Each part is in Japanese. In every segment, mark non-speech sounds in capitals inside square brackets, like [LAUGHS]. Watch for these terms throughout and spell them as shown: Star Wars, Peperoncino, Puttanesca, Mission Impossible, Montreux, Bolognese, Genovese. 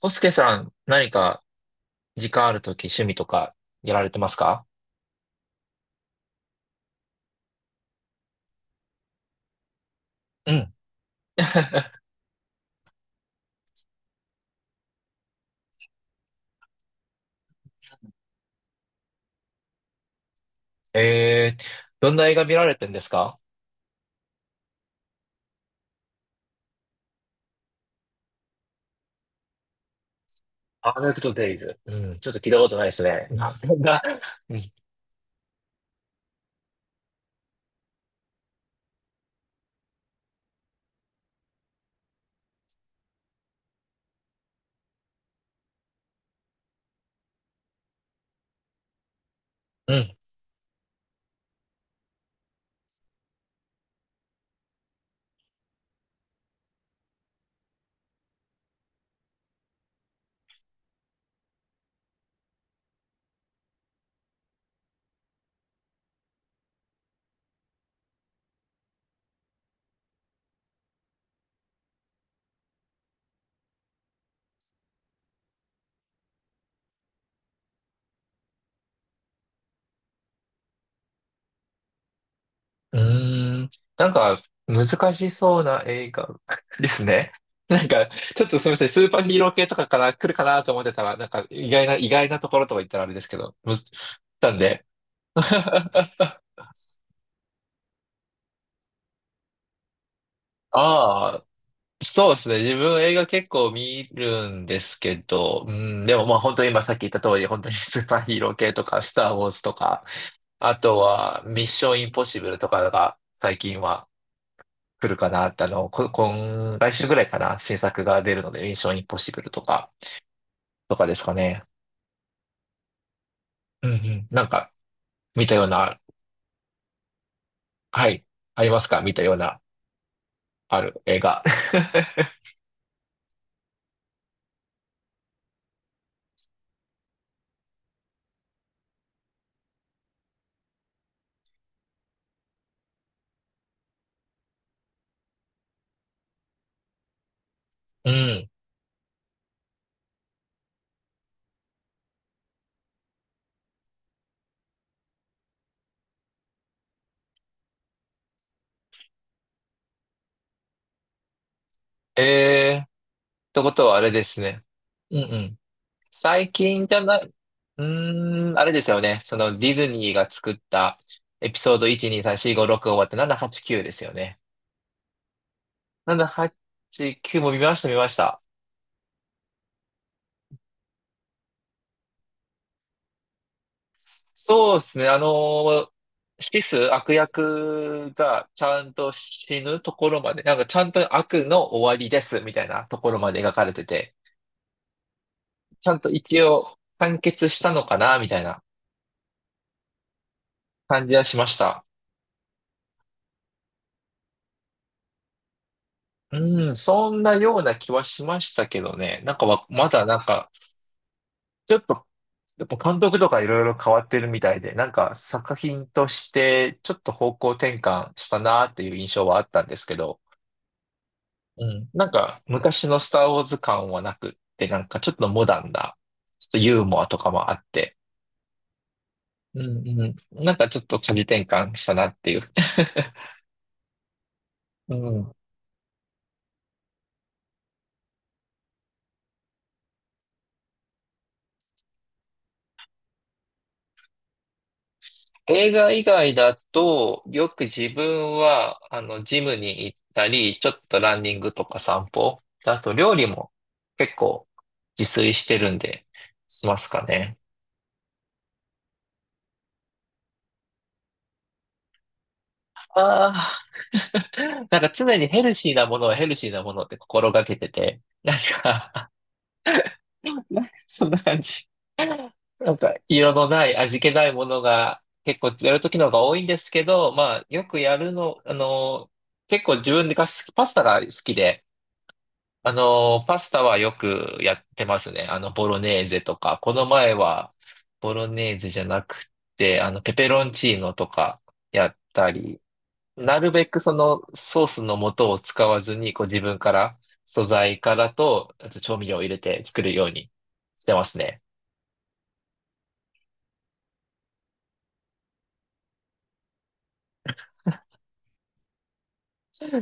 コスケさん、何か時間あるとき趣味とかやられてますか？うん。[LAUGHS] えー、どんな映画見られてんですか？アーネクトデイズ。うん、ちょっと聞いたことないですね。な、うん、うん、うーん。なんか、難しそうな映画 [LAUGHS] ですね。[LAUGHS] なんか、ちょっとすみません、スーパーヒーロー系とかから来るかなと思ってたら、なんか、意外なところとか言ったらあれですけど、むず、なんで。[LAUGHS] あそうですね。自分映画結構見るんですけど、うん、でもまあ本当に今さっき言った通り、本当に [LAUGHS] スーパーヒーロー系とか、スター・ウォーズとか、あとはミッション・インポッシブルとかが最近は来るかなって、今、来週ぐらいかな、新作が出るので、ミッション・インポッシブルとか、とかですかね。うんうん。なんか、見たような、はい、ありますか？見たような、ある映画。[LAUGHS] うん。えー、ってことはあれですね。うんうん。最近じゃない、うーん、あれですよね。そのディズニーが作ったエピソード1、2、3、4、5、6終わって789ですよね。789も見ました、見ました。そうですね。悪役がちゃんと死ぬところまで、なんかちゃんと悪の終わりですみたいなところまで描かれてて、ちゃんと一応完結したのかなみたいな感じはしました。うん、そんなような気はしましたけどね。なんかわまだなんか、ちょっと、やっぱ監督とかいろいろ変わってるみたいで、なんか作品としてちょっと方向転換したなーっていう印象はあったんですけど、うん、なんか昔のスターウォーズ感はなくって、ちょっとモダンな、ちょっとユーモアとかもあって、うんうん、なんかちょっと仮転換したなっていう。[LAUGHS] うん。映画以外だと、よく自分は、あの、ジムに行ったり、ちょっとランニングとか散歩。あと、料理も結構自炊してるんで、しますかね。ああ、[LAUGHS] なんか常にヘルシーなものって心がけてて、[LAUGHS] [LAUGHS] そんな感じ。なんか、色のない、味気ないものが結構やるときの方が多いんですけど、まあ、よくやるの、あの、結構自分が好き、パスタが好きで、あの、パスタはよくやってますね。あの、ボロネーゼとか。この前は、ボロネーゼじゃなくて、あの、ペペロンチーノとかやったり、なるべくそのソースの素を使わずに、こう自分から、素材からと、あと調味料を入れて作るようにしてますね。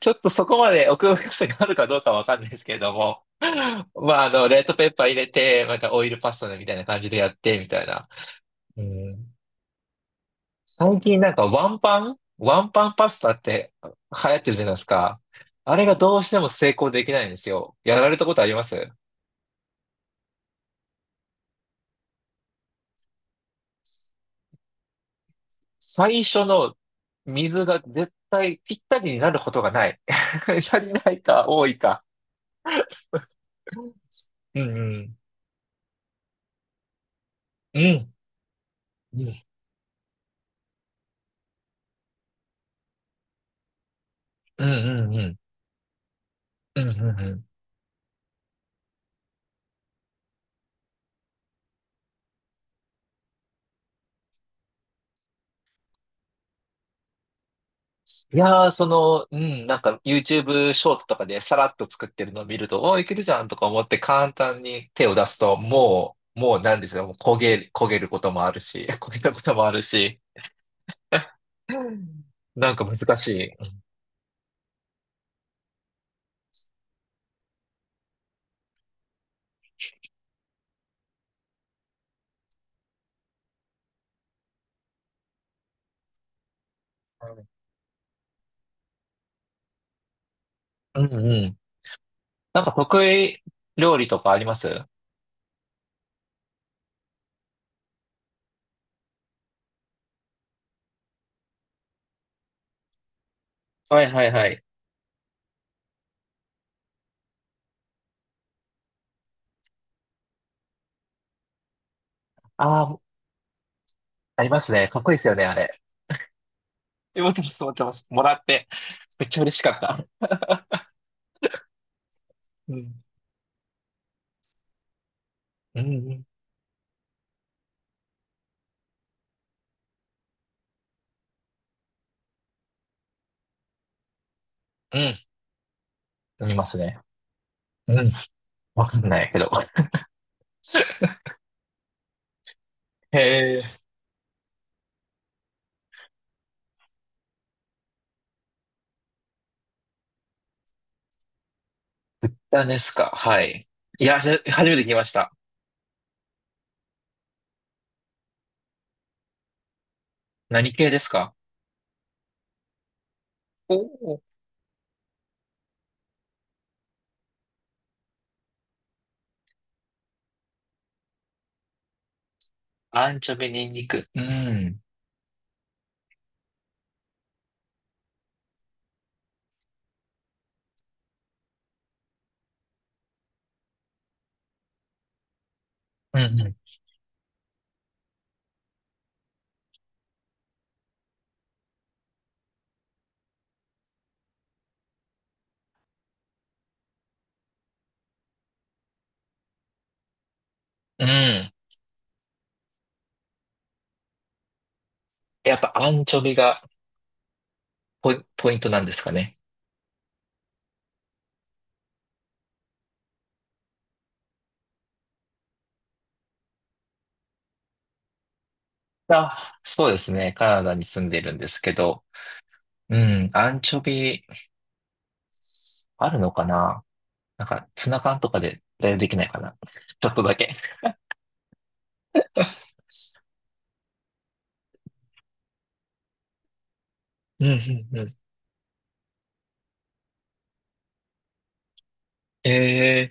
ちょっとそこまで奥深さがあるかどうかわかんないですけれども、[LAUGHS] まあ、あの、レッドペッパー入れて、またオイルパスタみたいな感じでやって、みたいな。うん。最近なんかワンパンパスタって流行ってるじゃないですか。あれがどうしても成功できないんですよ。やられたことあります？最初の水が絶対ぴったりになることがない。[LAUGHS] 足りないか多いか。うんうん。うん。うんうんうんうん。うんうん。いやー、なんか YouTube ショートとかでさらっと作ってるのを見ると、おー、いけるじゃんとか思って簡単に手を出すと、もうなんですよ、もう焦げ、焦げることもあるし、[LAUGHS] 焦げたこともあるし、なんか難しい。うんうん。うん。なんか得意料理とかありますあはいはいはい。あー、ありますね。かっこいいですよね、あれ。持ってます、持ってます。もらって、めっちゃ嬉しかった。うん。うんうん。うん。飲みますね。うん。わかんないけど。[LAUGHS] へえ。タですか？はい。いや、初めて聞きました。何系ですか？おおー。アンチョビ、ニンニク。うん。うん、うん。うん。やっぱアンチョビがポイントなんですかね。あ、そうですね。カナダに住んでいるんですけど。うん。アンチョビ、あるのかな？なんか、ツナ缶とかで代用できないかな？ちょっとだけ。うん、うん、うん。ええ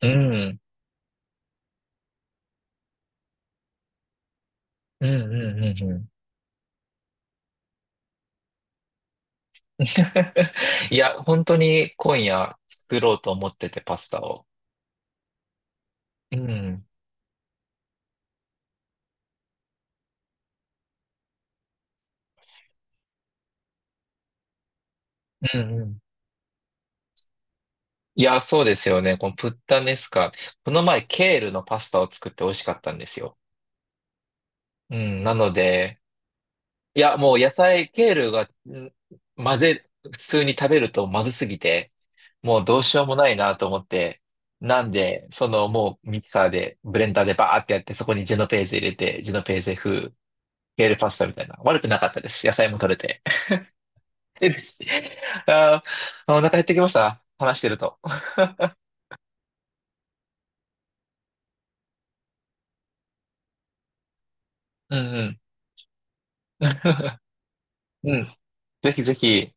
ー、うん。うん、うん、うん、うん。[LAUGHS] いや、本当に今夜作ろうと思ってて、パスタを。うん。うんうん。いや、そうですよね。このプッタネスカ。この前、ケールのパスタを作って美味しかったんですよ。うん。なので、いや、もう野菜、ケールが、ん混ぜ、普通に食べるとまずすぎて、もうどうしようもないなと思って、なんで、そのもうミキサーで、ブレンダーでバーってやって、そこにジェノペーゼ入れて、ジェノペーゼ風、ケールパスタみたいな。悪くなかったです。野菜も取れて。[LAUGHS] えですあー、お腹減ってきました。話してると。うんうん。[LAUGHS] うん。ぜひぜひ、